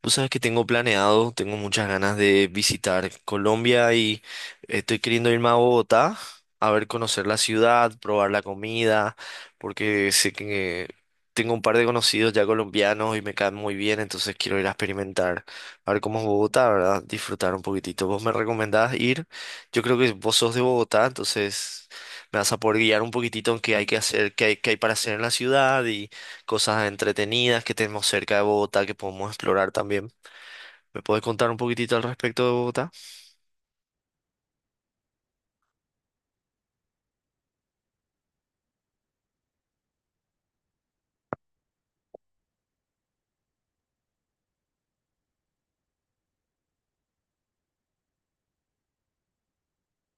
Pues sabes que tengo planeado, tengo muchas ganas de visitar Colombia y estoy queriendo irme a Bogotá a ver, conocer la ciudad, probar la comida, porque sé que tengo un par de conocidos ya colombianos y me caen muy bien, entonces quiero ir a experimentar, a ver cómo es Bogotá, ¿verdad? Disfrutar un poquitito. Vos me recomendás ir, yo creo que vos sos de Bogotá, entonces me vas a poder guiar un poquitito en qué hay que hacer, qué hay para hacer en la ciudad, cosas entretenidas que tenemos cerca de Bogotá que podemos explorar también. ¿Me puedes contar un poquitito al respecto de Bogotá?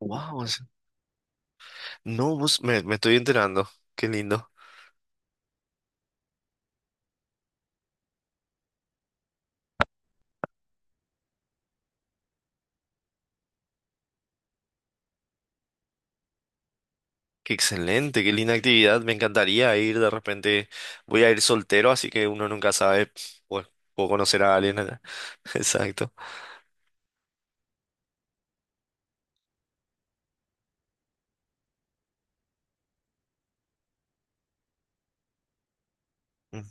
Wow, no, me estoy enterando. Qué lindo. Qué excelente, qué linda actividad. Me encantaría ir de repente. Voy a ir soltero, así que uno nunca sabe. Bueno, puedo conocer a alguien allá. Exacto. Mm,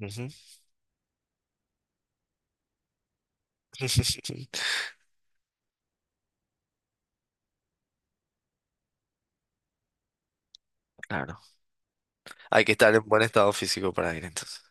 ujú. Claro. Hay que estar en buen estado físico para ir entonces.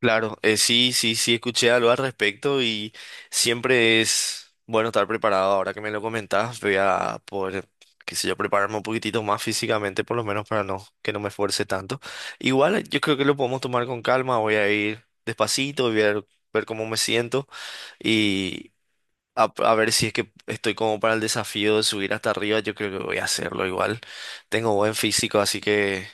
Claro, sí, sí, sí, escuché algo al respecto y siempre es bueno estar preparado. Ahora que me lo comentás, voy a poder, qué sé yo, prepararme un poquitito más físicamente, por lo menos para no, que no me esfuerce tanto. Igual yo creo que lo podemos tomar con calma, voy a ir despacito, ver cómo me siento y. A ver si es que estoy como para el desafío de subir hasta arriba, yo creo que voy a hacerlo igual. Tengo buen físico, así que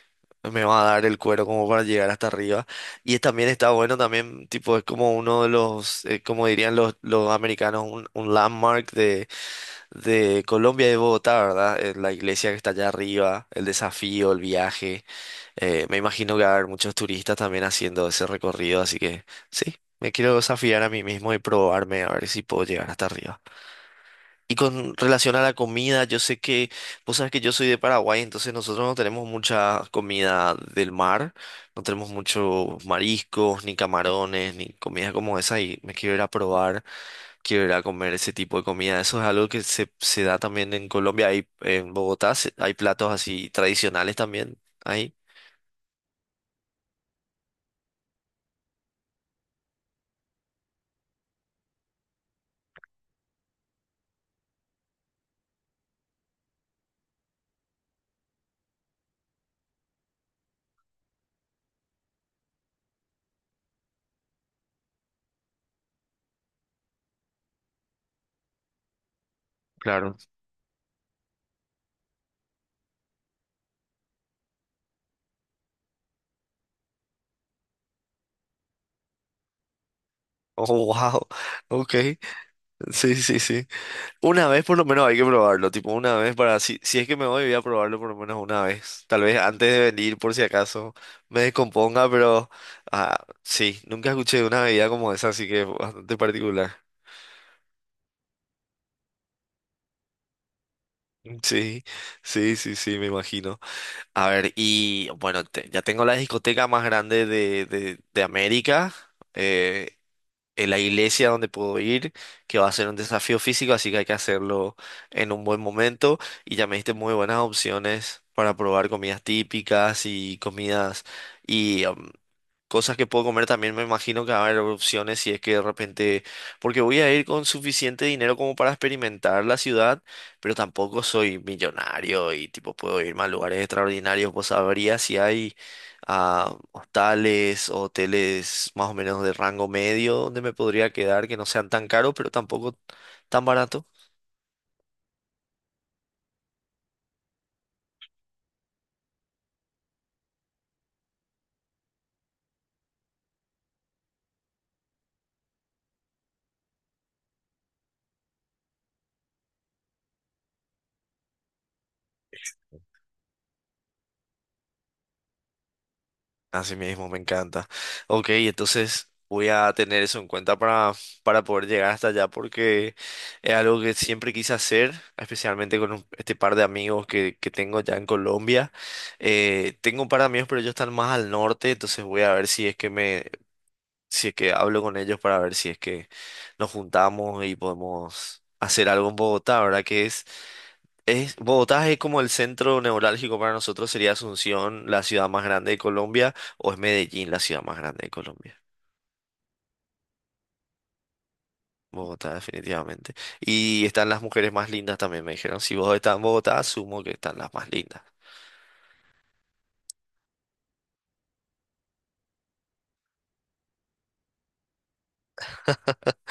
me va a dar el cuero como para llegar hasta arriba. También está bueno, también tipo es como uno de como dirían los americanos, un landmark de Colombia y de Bogotá, ¿verdad? La iglesia que está allá arriba, el desafío, el viaje. Me imagino que va a haber muchos turistas también haciendo ese recorrido, así que sí, me quiero desafiar a mí mismo y probarme a ver si puedo llegar hasta arriba. Y con relación a la comida, vos sabes que yo soy de Paraguay, entonces nosotros no tenemos mucha comida del mar, no tenemos muchos mariscos, ni camarones, ni comida como esa, y me quiero ir a probar, quiero ir a comer ese tipo de comida. Eso es algo que se da también en Colombia, hay, en Bogotá hay platos así tradicionales también, ahí. Claro. Oh, wow. Ok. Sí, sí, sí. Una vez por lo menos hay que probarlo, tipo una vez para, si es que me voy, voy a probarlo por lo menos una vez. Tal vez antes de venir, por si acaso me descomponga, pero ah, sí, nunca escuché de una bebida como esa, así que es bastante particular. Sí, sí, sí, sí, me imagino. A ver, y bueno, ya tengo la discoteca más grande de América. Eh, en la iglesia donde puedo ir, que va a ser un desafío físico, así que hay que hacerlo en un buen momento. Y ya me diste muy buenas opciones para probar comidas típicas y comidas y cosas que puedo comer también, me imagino que va a haber opciones si es que de repente, porque voy a ir con suficiente dinero como para experimentar la ciudad, pero tampoco soy millonario y tipo puedo irme a lugares extraordinarios. Vos sabrías si hay ah, hostales o hoteles más o menos de rango medio donde me podría quedar que no sean tan caros, pero tampoco tan barato. Así mismo, me encanta. Ok, entonces voy a tener eso en cuenta para poder llegar hasta allá porque es algo que siempre quise hacer, especialmente con este par de amigos que tengo ya en Colombia. Tengo un par de amigos, pero ellos están más al norte, entonces voy a ver si es que me, si es que hablo con ellos para ver si es que nos juntamos y podemos hacer algo en Bogotá, ¿verdad? Que es Bogotá es como el centro neurálgico para nosotros, sería Asunción, la ciudad más grande de Colombia, o es Medellín, la ciudad más grande de Colombia. Bogotá, definitivamente. Y están las mujeres más lindas también, me dijeron. Si vos estás en Bogotá, asumo que están las más lindas.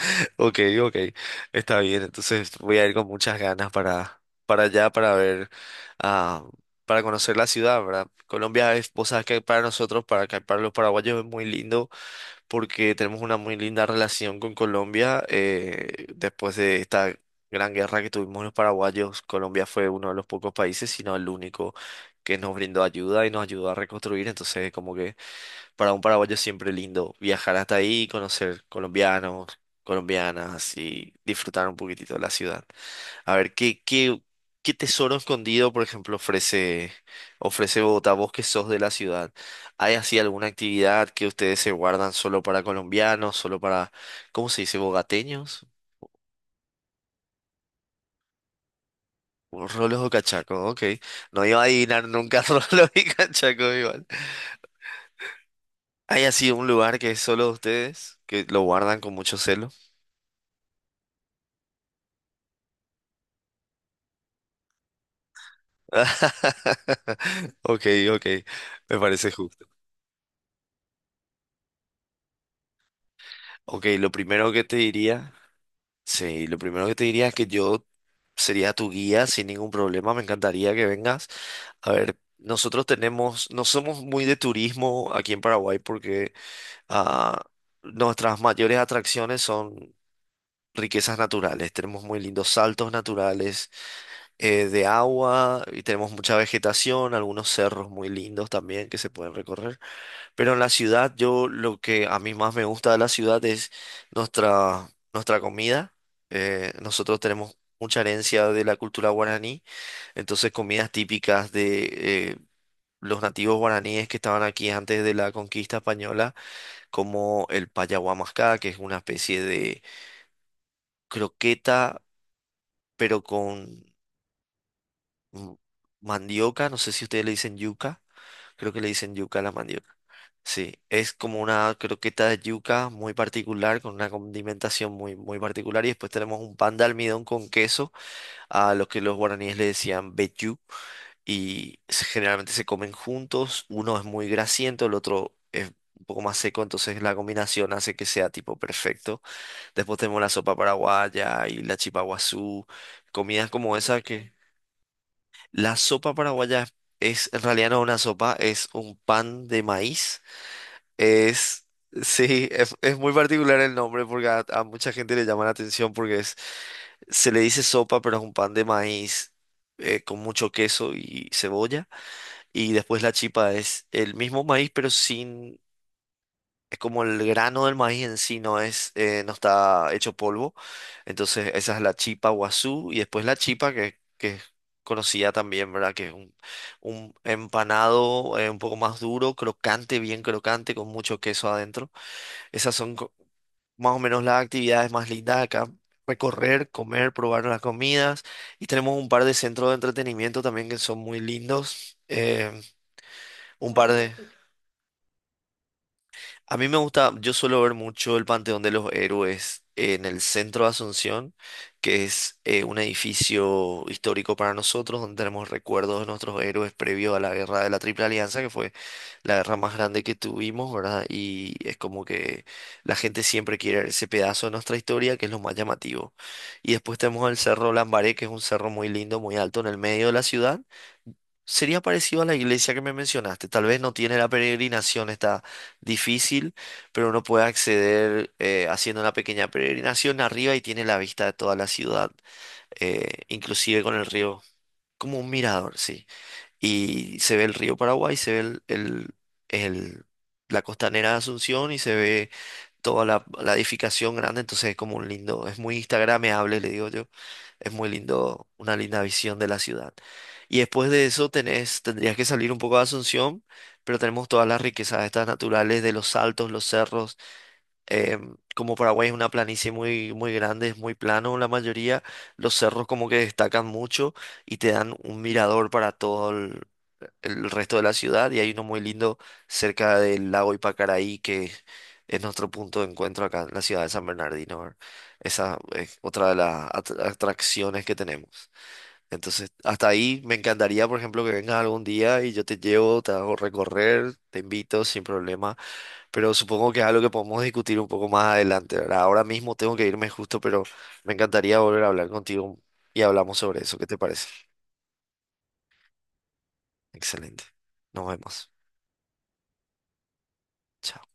Ok, ok, está bien. Entonces voy a ir con muchas ganas para allá, para ver, ah, para conocer la ciudad, ¿verdad? Vos sabes que para nosotros, para, acá, para los paraguayos es muy lindo porque tenemos una muy linda relación con Colombia. Eh, después de esta gran guerra que tuvimos los paraguayos, Colombia fue uno de los pocos países, sino el único que nos brindó ayuda y nos ayudó a reconstruir. Entonces, como que para un paraguayo es siempre lindo viajar hasta ahí y conocer colombianos, colombianas y disfrutar un poquitito de la ciudad. A ver, ¿qué tesoro escondido, por ejemplo, ofrece Bogotá? Vos que sos de la ciudad, ¿hay así alguna actividad que ustedes se guardan solo para colombianos, solo para, ¿cómo se dice? ¿Bogateños? O Rolos o cachacos, ok. No iba a adivinar nunca rolos y cachacos igual. ¿Hay así un lugar que es solo de ustedes, que lo guardan con mucho celo? Ok, ok, me parece justo. Ok, lo primero que te diría... Sí, lo primero que te diría es que yo sería tu guía sin ningún problema. Me encantaría que vengas. A ver, nosotros tenemos, no somos muy de turismo aquí en Paraguay porque ah, nuestras mayores atracciones son riquezas naturales. Tenemos muy lindos saltos naturales de agua y tenemos mucha vegetación, algunos cerros muy lindos también que se pueden recorrer. Pero en la ciudad, yo lo que a mí más me gusta de la ciudad es nuestra comida. Nosotros tenemos mucha herencia de la cultura guaraní, entonces comidas típicas de los nativos guaraníes que estaban aquí antes de la conquista española, como el payahuamascá, que es una especie de croqueta, pero con mm, mandioca, no sé si ustedes le dicen yuca. Creo que le dicen yuca a la mandioca. Sí, es como una croqueta de yuca muy particular, con una condimentación muy particular. Y después tenemos un pan de almidón con queso, a lo que los guaraníes le decían vellú. Generalmente se comen juntos. Uno es muy grasiento, el otro es un poco más seco. Entonces la combinación hace que sea tipo perfecto. Después tenemos la sopa paraguaya y la chipa guazú. Comidas como esa que... La sopa paraguaya en realidad no es una sopa, es un pan de maíz es, sí, es muy particular el nombre porque a mucha gente le llama la atención porque es, se le dice sopa, pero es un pan de maíz con mucho queso y cebolla. Y después la chipa es el mismo maíz, pero sin, es como el grano del maíz en sí, no es, no está hecho polvo. Entonces esa es la chipa guazú y después la chipa que es conocida también, ¿verdad? Que es un empanado un poco más duro, crocante, bien crocante, con mucho queso adentro. Esas son co- Más o menos las actividades más lindas de acá. Recorrer, comer, probar las comidas. Y tenemos un par de centros de entretenimiento también que son muy lindos. Un par de... A mí me gusta, yo suelo ver mucho el Panteón de los Héroes en el centro de Asunción, que es un edificio histórico para nosotros, donde tenemos recuerdos de nuestros héroes previo a la guerra de la Triple Alianza, que fue la guerra más grande que tuvimos, ¿verdad? Y es como que la gente siempre quiere ver ese pedazo de nuestra historia, que es lo más llamativo. Y después tenemos el Cerro Lambaré, que es un cerro muy lindo, muy alto en el medio de la ciudad. Sería parecido a la iglesia que me mencionaste. Tal vez no tiene la peregrinación, está difícil, pero uno puede acceder haciendo una pequeña peregrinación arriba y tiene la vista de toda la ciudad, inclusive con el río, como un mirador, sí. Y se ve el río Paraguay, se ve el- la costanera de Asunción y se ve toda la edificación grande, entonces es como un lindo, es muy instagramable, le digo yo. Es muy lindo, una linda visión de la ciudad. Y después de eso tenés, tendrías que salir un poco de Asunción, pero tenemos todas las riquezas estas naturales de los saltos, los cerros. Em, como Paraguay es una planicie muy grande, es muy plano la mayoría, los cerros como que destacan mucho y te dan un mirador para todo el resto de la ciudad y hay uno muy lindo cerca del lago Ipacaraí que es nuestro punto de encuentro acá en la ciudad de San Bernardino, ¿verdad? Esa es otra de las atracciones que tenemos. Entonces, hasta ahí me encantaría, por ejemplo, que vengas algún día y yo te llevo, te hago recorrer, te invito sin problema, pero supongo que es algo que podemos discutir un poco más adelante, ¿verdad? Ahora mismo tengo que irme justo, pero me encantaría volver a hablar contigo y hablamos sobre eso. ¿Qué te parece? Excelente. Nos vemos. Chao.